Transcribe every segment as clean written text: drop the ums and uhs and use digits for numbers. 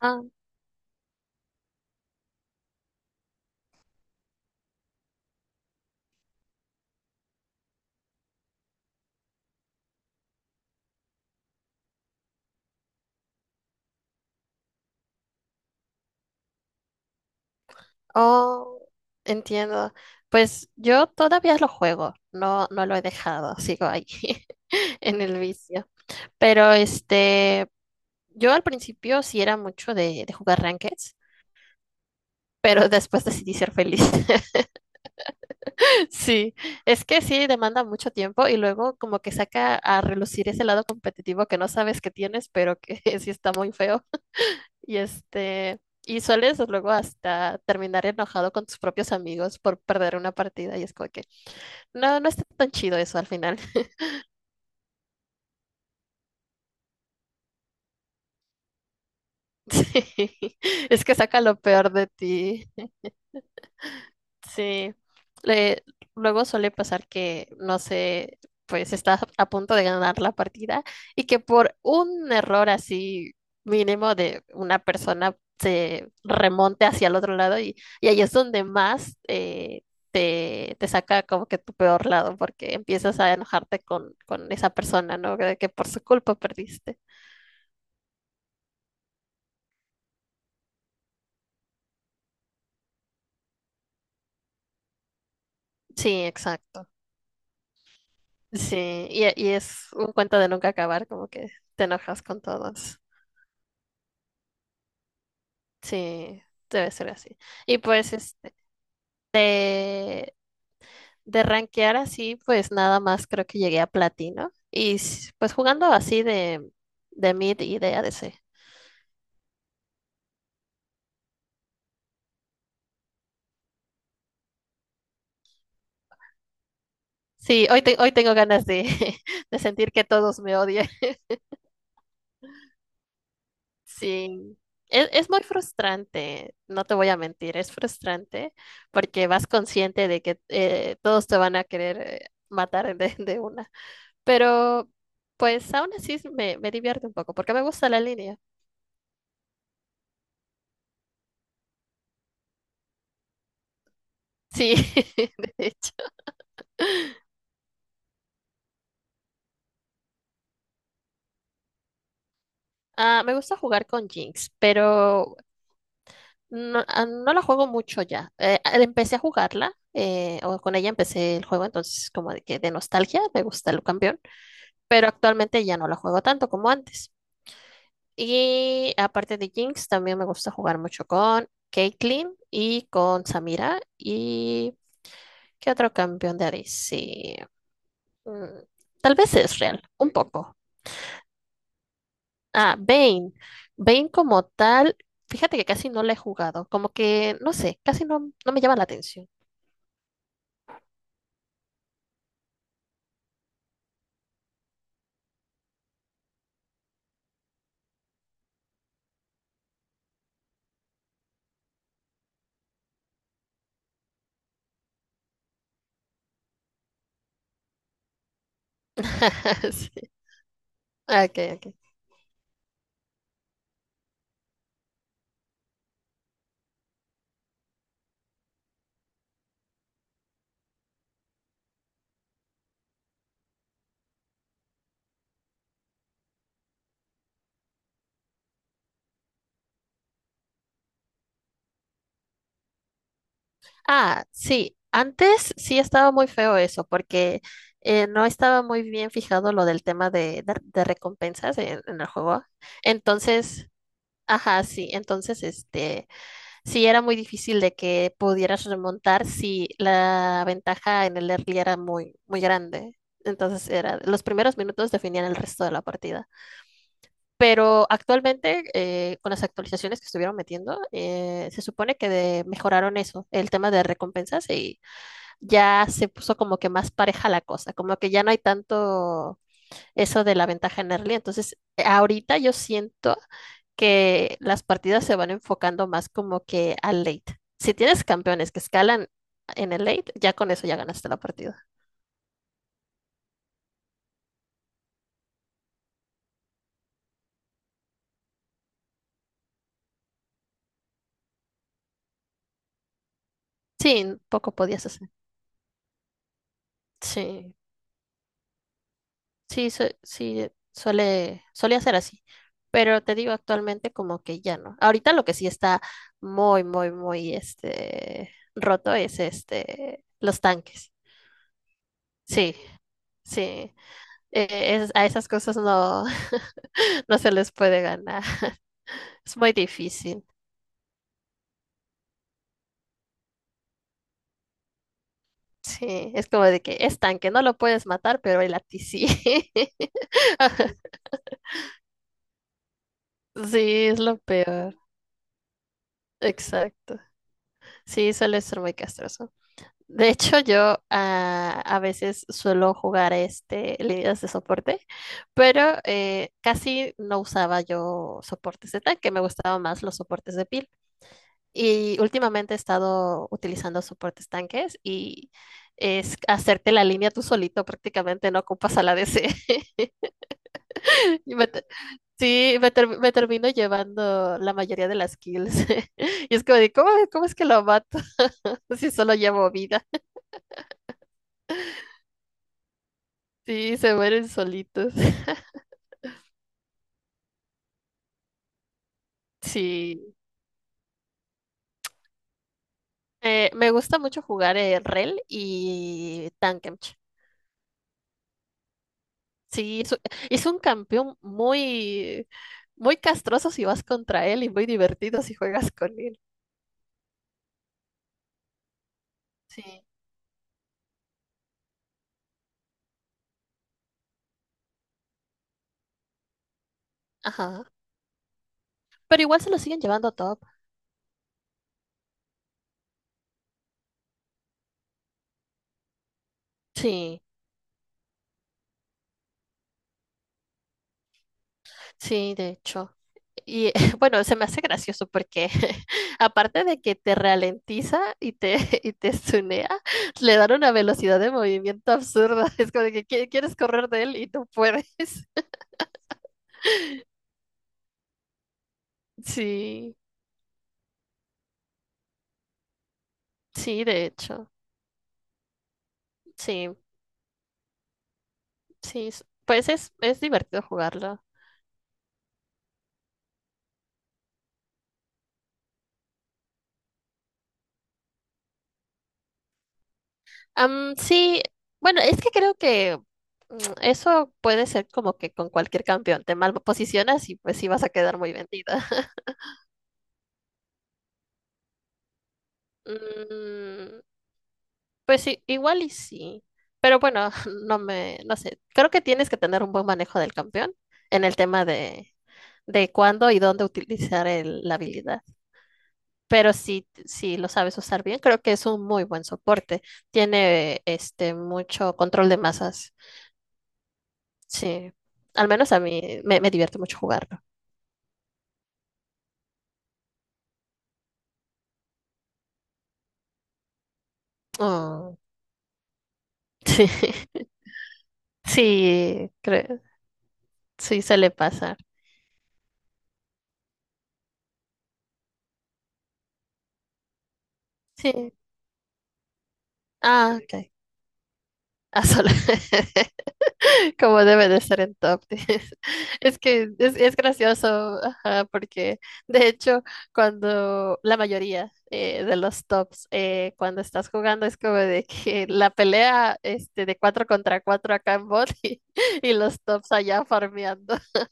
Ah, oh, entiendo. Pues yo todavía lo juego, no lo he dejado, sigo ahí en el vicio. Pero yo al principio sí era mucho de jugar rankeds, pero después decidí ser feliz. Sí, es que sí demanda mucho tiempo y luego como que saca a relucir ese lado competitivo que no sabes que tienes, pero que sí está muy feo. Y y sueles luego hasta terminar enojado con tus propios amigos por perder una partida y es como que no, no está tan chido eso al final. Sí, es que saca lo peor de ti. Sí. Le- Luego suele pasar que, no sé, pues estás a punto de ganar la partida y que por un error así mínimo de una persona se remonte hacia el otro lado y ahí es donde más te saca como que tu peor lado porque empiezas a enojarte con esa persona, ¿no? De que por su culpa perdiste. Sí, exacto. Sí, y es un cuento de nunca acabar, como que te enojas con todos. Sí, debe ser así. Y pues de rankear así, pues nada más creo que llegué a platino. Pues jugando así de mid y de ADC. Sí, hoy tengo ganas de, de sentir que todos me odian. Sí, es muy frustrante, no te voy a mentir, es frustrante porque vas consciente de que todos te van a querer matar de una. Pero pues aún así me divierte un poco porque me gusta la línea. Sí, de hecho. Ah, me gusta jugar con Jinx, pero no, no la juego mucho ya. Empecé a jugarla, o con ella empecé el juego, entonces como de que de nostalgia me gusta el campeón, pero actualmente ya no la juego tanto como antes. Y aparte de Jinx, también me gusta jugar mucho con Caitlyn y con Samira y ¿qué otro campeón de ADC? Mm, Tal vez es real, un poco. Ah, Bane. Bane como tal, fíjate que casi no la he jugado. Como que, no sé, casi no, no me llama la atención. Sí. Ok, ok. Ah, sí, antes sí estaba muy feo eso, porque no estaba muy bien fijado lo del tema de recompensas en el juego. Entonces, ajá, sí, entonces sí era muy difícil de que pudieras remontar si la ventaja en el early era muy grande. Entonces era, los primeros minutos definían el resto de la partida. Pero actualmente, con las actualizaciones que estuvieron metiendo, se supone que mejoraron eso, el tema de recompensas y ya se puso como que más pareja la cosa, como que ya no hay tanto eso de la ventaja en early. Entonces, ahorita yo siento que las partidas se van enfocando más como que al late. Si tienes campeones que escalan en el late, ya con eso ya ganaste la partida. Sí, poco podías hacer. Sí, sí, solía ser así. Pero te digo, actualmente como que ya no. Ahorita lo que sí está muy roto es los tanques. Sí, sí. A esas cosas no, no se les puede ganar. Es muy difícil. Sí, es como de que es tanque, no lo puedes matar, pero el a ti sí. Sí, es lo peor. Exacto. Sí, suele ser muy castroso. De hecho, yo a veces suelo jugar este líneas de soporte, pero casi no usaba yo soportes de tanque, me gustaban más los soportes de pila. Y últimamente he estado utilizando soportes tanques y es hacerte la línea tú solito, prácticamente no ocupas a la DC. Y me te- sí, me, ter- Me termino llevando la mayoría de las kills. Y es como de, ¿cómo es que lo mato? Si solo llevo vida. Sí, se mueren solitos. Sí. Me gusta mucho jugar el REL y Tankemch. Sí, es un campeón muy castroso si vas contra él y muy divertido si juegas con él. Sí. Ajá. Pero igual se lo siguen llevando top. Sí, sí, de hecho. Y bueno, se me hace gracioso porque aparte de que te ralentiza y te tunea, le dan una velocidad de movimiento absurda. Es como de que quieres correr de él y no puedes. Sí, sí, de hecho. Sí, sí. Pues es divertido jugarlo. Am, sí, bueno, es que creo que mm, eso puede ser como que con cualquier campeón te mal posicionas y pues sí vas a quedar muy vendida. Mm, pues sí, igual y sí. Pero bueno, no sé. Creo que tienes que tener un buen manejo del campeón en el tema de cuándo y dónde utilizar la habilidad. Pero si, si lo sabes usar bien, creo que es un muy buen soporte. Tiene este mucho control de masas. Sí, al menos a mí me divierte mucho jugarlo. Oh, sí, sí, creo, sí suele pasar. Sí, ah, ok. Ah, solo. Como debe de ser en top. Diez. Es que es gracioso, ajá, porque de hecho, cuando la mayoría de los tops, cuando estás jugando, es como de que la pelea de 4 contra 4 acá en bot y los tops allá farmeando.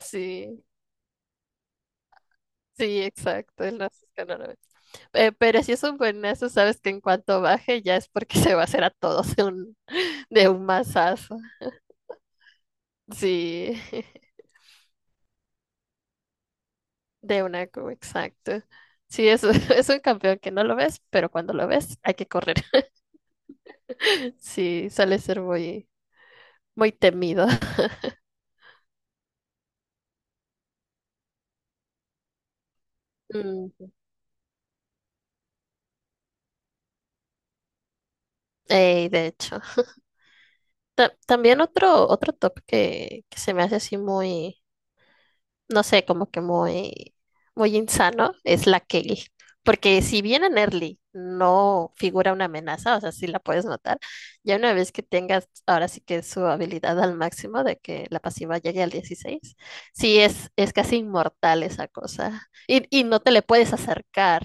Sí. Sí, exacto, el Francisco no. Pero si es un buenazo, sabes que en cuanto baje ya es porque se va a hacer a todos de un mazazo. Sí, exacto. Sí, es un campeón que no lo ves, pero cuando lo ves hay que correr. Sí, suele ser muy temido. Mm, ey, de hecho. También otro top que se me hace así muy no sé, como que muy insano, es la Kelly. Porque si bien en early no figura una amenaza, o sea, sí la puedes notar, ya una vez que tengas ahora sí que su habilidad al máximo de que la pasiva llegue al 16 sí es casi inmortal esa cosa. Y no te le puedes acercar.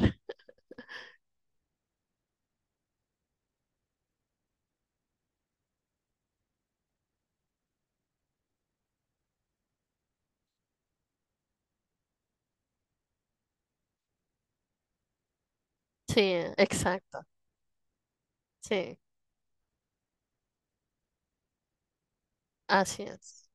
Sí, exacto. Sí, así es.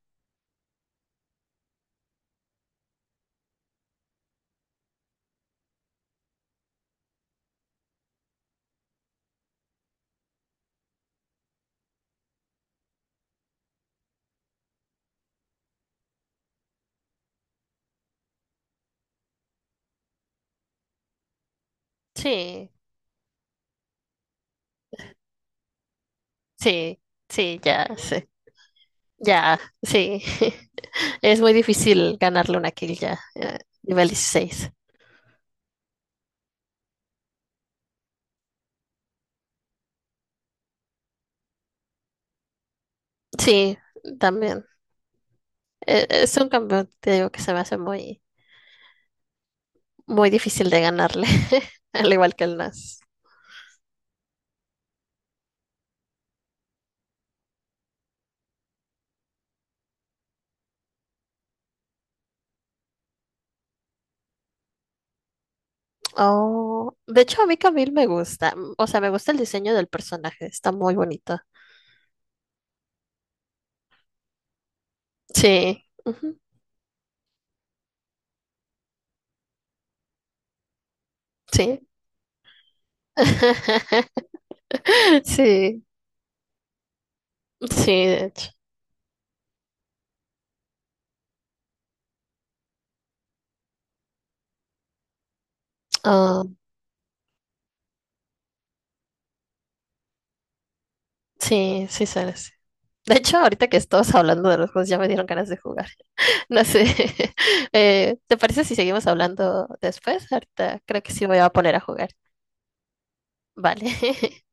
Sí, sí, sí, ya, sí. Ya, sí. Es muy difícil ganarle una kill ya, nivel 16. Sí, también. Es un campeón, te digo, que se me hace muy difícil de ganarle, al igual que el Nas. Oh, de hecho, a mí Camille me gusta. O sea, me gusta el diseño del personaje, está muy bonito. Sí, ujú, sí. Sí, sí, de hecho. Ah, sí, sí, sabes. De hecho, ahorita que estamos hablando de los juegos, ya me dieron ganas de jugar. No sé. ¿Te parece si seguimos hablando después? Ahorita creo que sí me voy a poner a jugar. Vale.